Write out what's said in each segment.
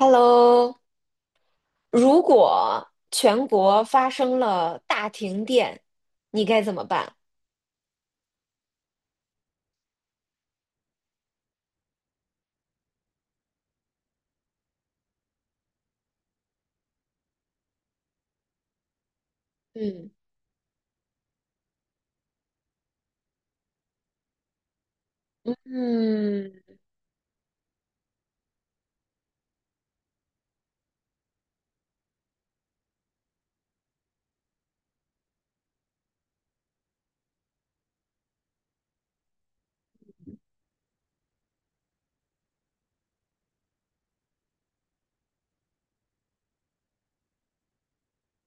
Hello，如果全国发生了大停电，你该怎么办？嗯，嗯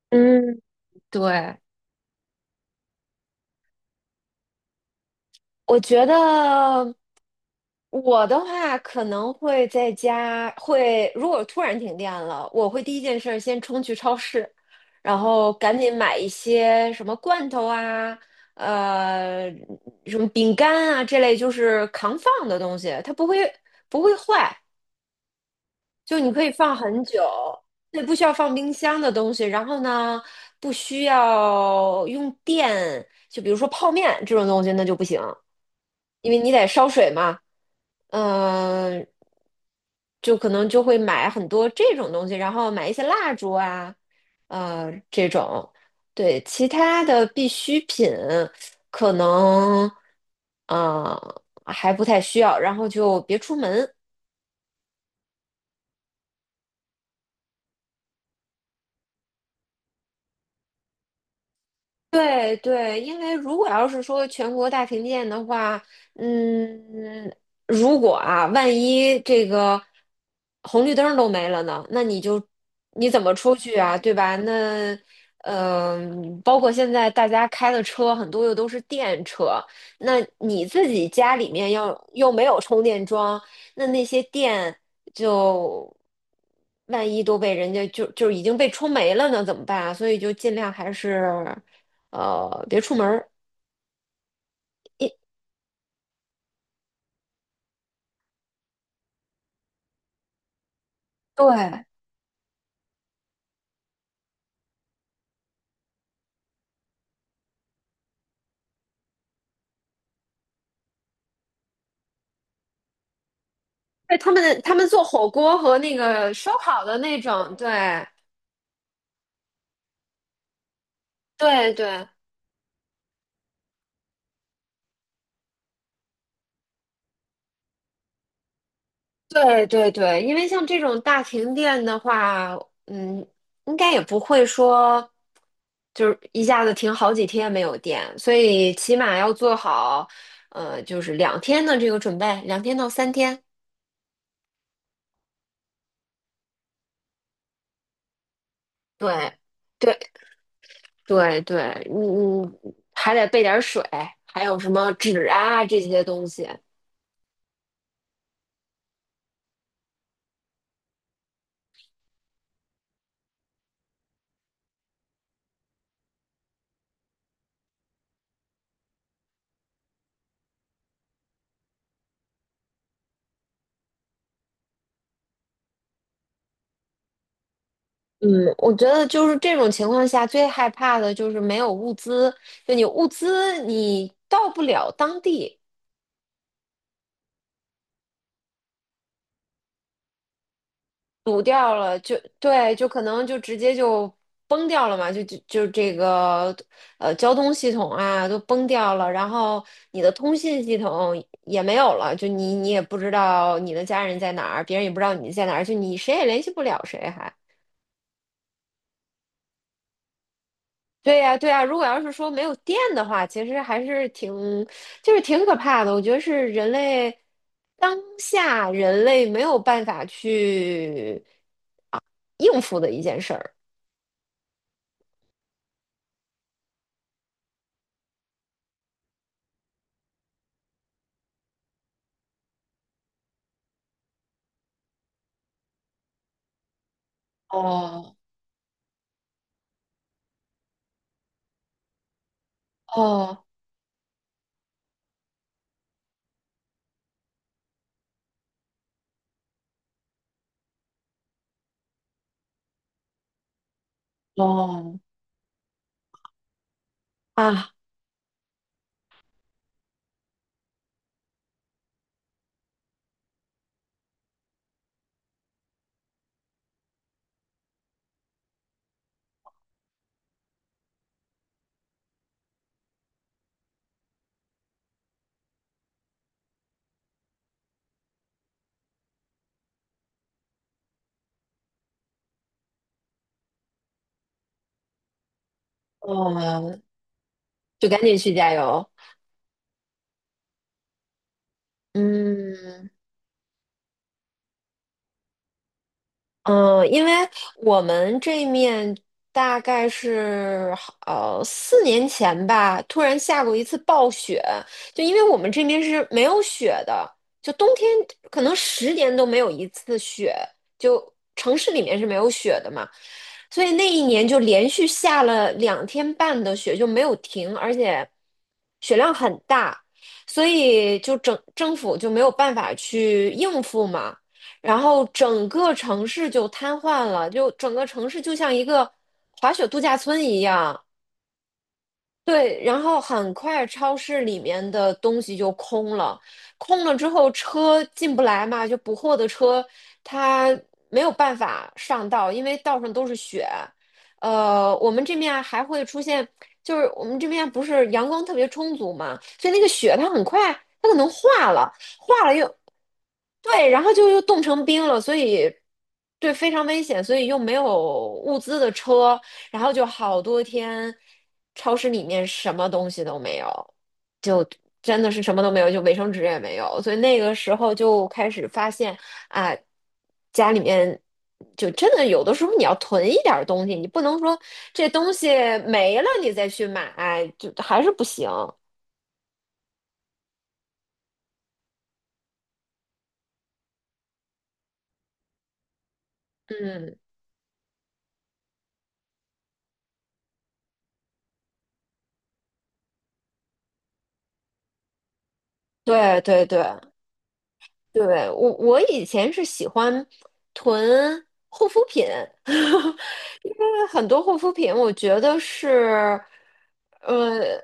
嗯，对，我觉得我的话可能会在家，如果突然停电了，我会第一件事儿先冲去超市，然后赶紧买一些什么罐头啊，呃，什么饼干啊这类就是扛放的东西，它不会坏，就你可以放很久，对，不需要放冰箱的东西。然后呢，不需要用电，就比如说泡面这种东西，那就不行，因为你得烧水嘛。嗯、就可能就会买很多这种东西，然后买一些蜡烛啊，这种。对，其他的必需品可能，呃，还不太需要，然后就别出门。对对，因为如果要是说全国大停电的话，嗯，如果啊，万一这个红绿灯儿都没了呢，那你怎么出去啊，对吧？那包括现在大家开的车很多又都是电车，那你自己家里面要又没有充电桩，那那些电就万一都被人家就已经被充没了呢，怎么办啊？所以就尽量还是。别出门儿。一，对对，他们做火锅和那个烧烤的那种，对对对对对对，因为像这种大停电的话，嗯，应该也不会说就是一下子停好几天没有电，所以起码要做好，就是两天的这个准备，两天到3天。对对对对，嗯嗯，还得备点儿水，还有什么纸啊这些东西。嗯，我觉得就是这种情况下最害怕的就是没有物资，就你物资你到不了当地，堵掉了就对，就可能就直接就崩掉了嘛，就这个交通系统啊都崩掉了，然后你的通信系统也没有了，就你也不知道你的家人在哪儿，别人也不知道你在哪儿，就你谁也联系不了谁还。对呀，对呀，如果要是说没有电的话，其实还是挺，就是挺可怕的。我觉得是当下人类没有办法去应付的一件事儿哦哦哦啊，哦，就赶紧去加油。嗯。嗯，因为我们这面大概是4年前吧，突然下过一次暴雪，就因为我们这边是没有雪的，就冬天可能10年都没有一次雪，就城市里面是没有雪的嘛，所以那一年就连续下了2天半的雪，就没有停，而且雪量很大，所以就整政府就没有办法去应付嘛。然后整个城市就瘫痪了，就整个城市就像一个滑雪度假村一样，对，然后很快超市里面的东西就空了，空了之后车进不来嘛，就补货的车它没有办法上道，因为道上都是雪。我们这面还会出现，就是我们这边不是阳光特别充足嘛，所以那个雪它很快它可能化了，化了又对，然后就又冻成冰了，所以对非常危险，所以又没有物资的车，然后就好多天，超市里面什么东西都没有，真的是什么都没有，就卫生纸也没有。所以那个时候就开始发现啊，家里面就真的有的时候你要囤一点儿东西，你不能说这东西没了你再去买，就还是不行。嗯，对对对。对，我以前是喜欢囤护肤品，因为很多护肤品我觉得是，呃，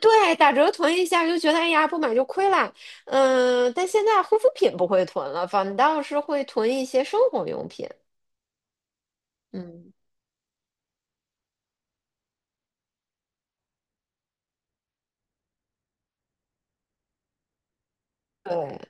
对，打折囤一下就觉得哎呀不买就亏啦，但现在护肤品不会囤了，反倒是会囤一些生活用品，嗯，对。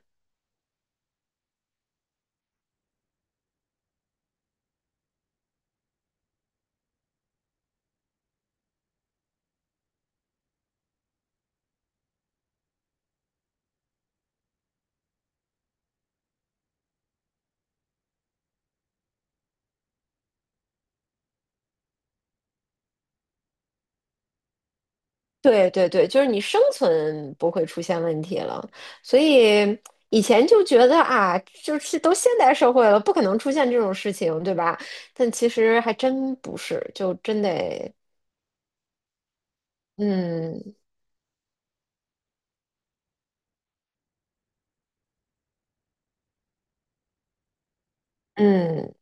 对对对，就是你生存不会出现问题了，所以以前就觉得啊，就是都现代社会了，不可能出现这种事情，对吧？但其实还真不是，就真得，嗯嗯，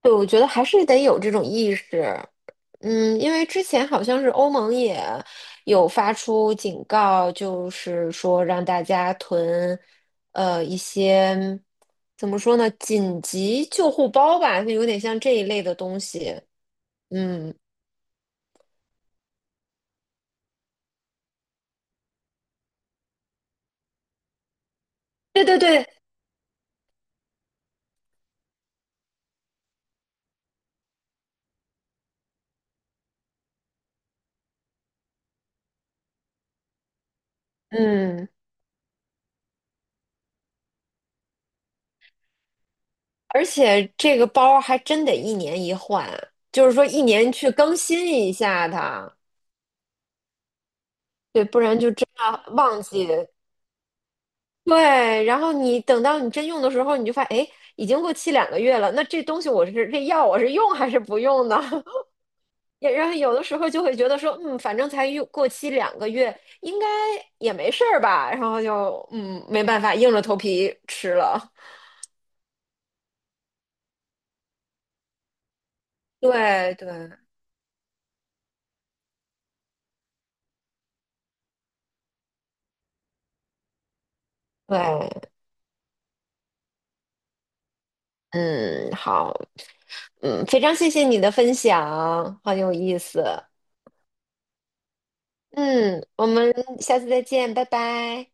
对，我觉得还是得有这种意识。嗯，因为之前好像是欧盟也有发出警告，就是说让大家囤，一些怎么说呢，紧急救护包吧，就有点像这一类的东西。嗯，对对对，嗯，而且这个包还真得一年一换，就是说一年去更新一下它，对，不然就真的忘记。对，然后你等到你真用的时候，你就发现，哎，已经过期两个月了。那这药我是用还是不用呢？然后有的时候就会觉得说，嗯，反正才用过期两个月，应该也没事儿吧。然后就嗯，没办法，硬着头皮吃了。对对对，嗯，好，嗯，非常谢谢你的分享，很有意思。嗯，我们下次再见，拜拜。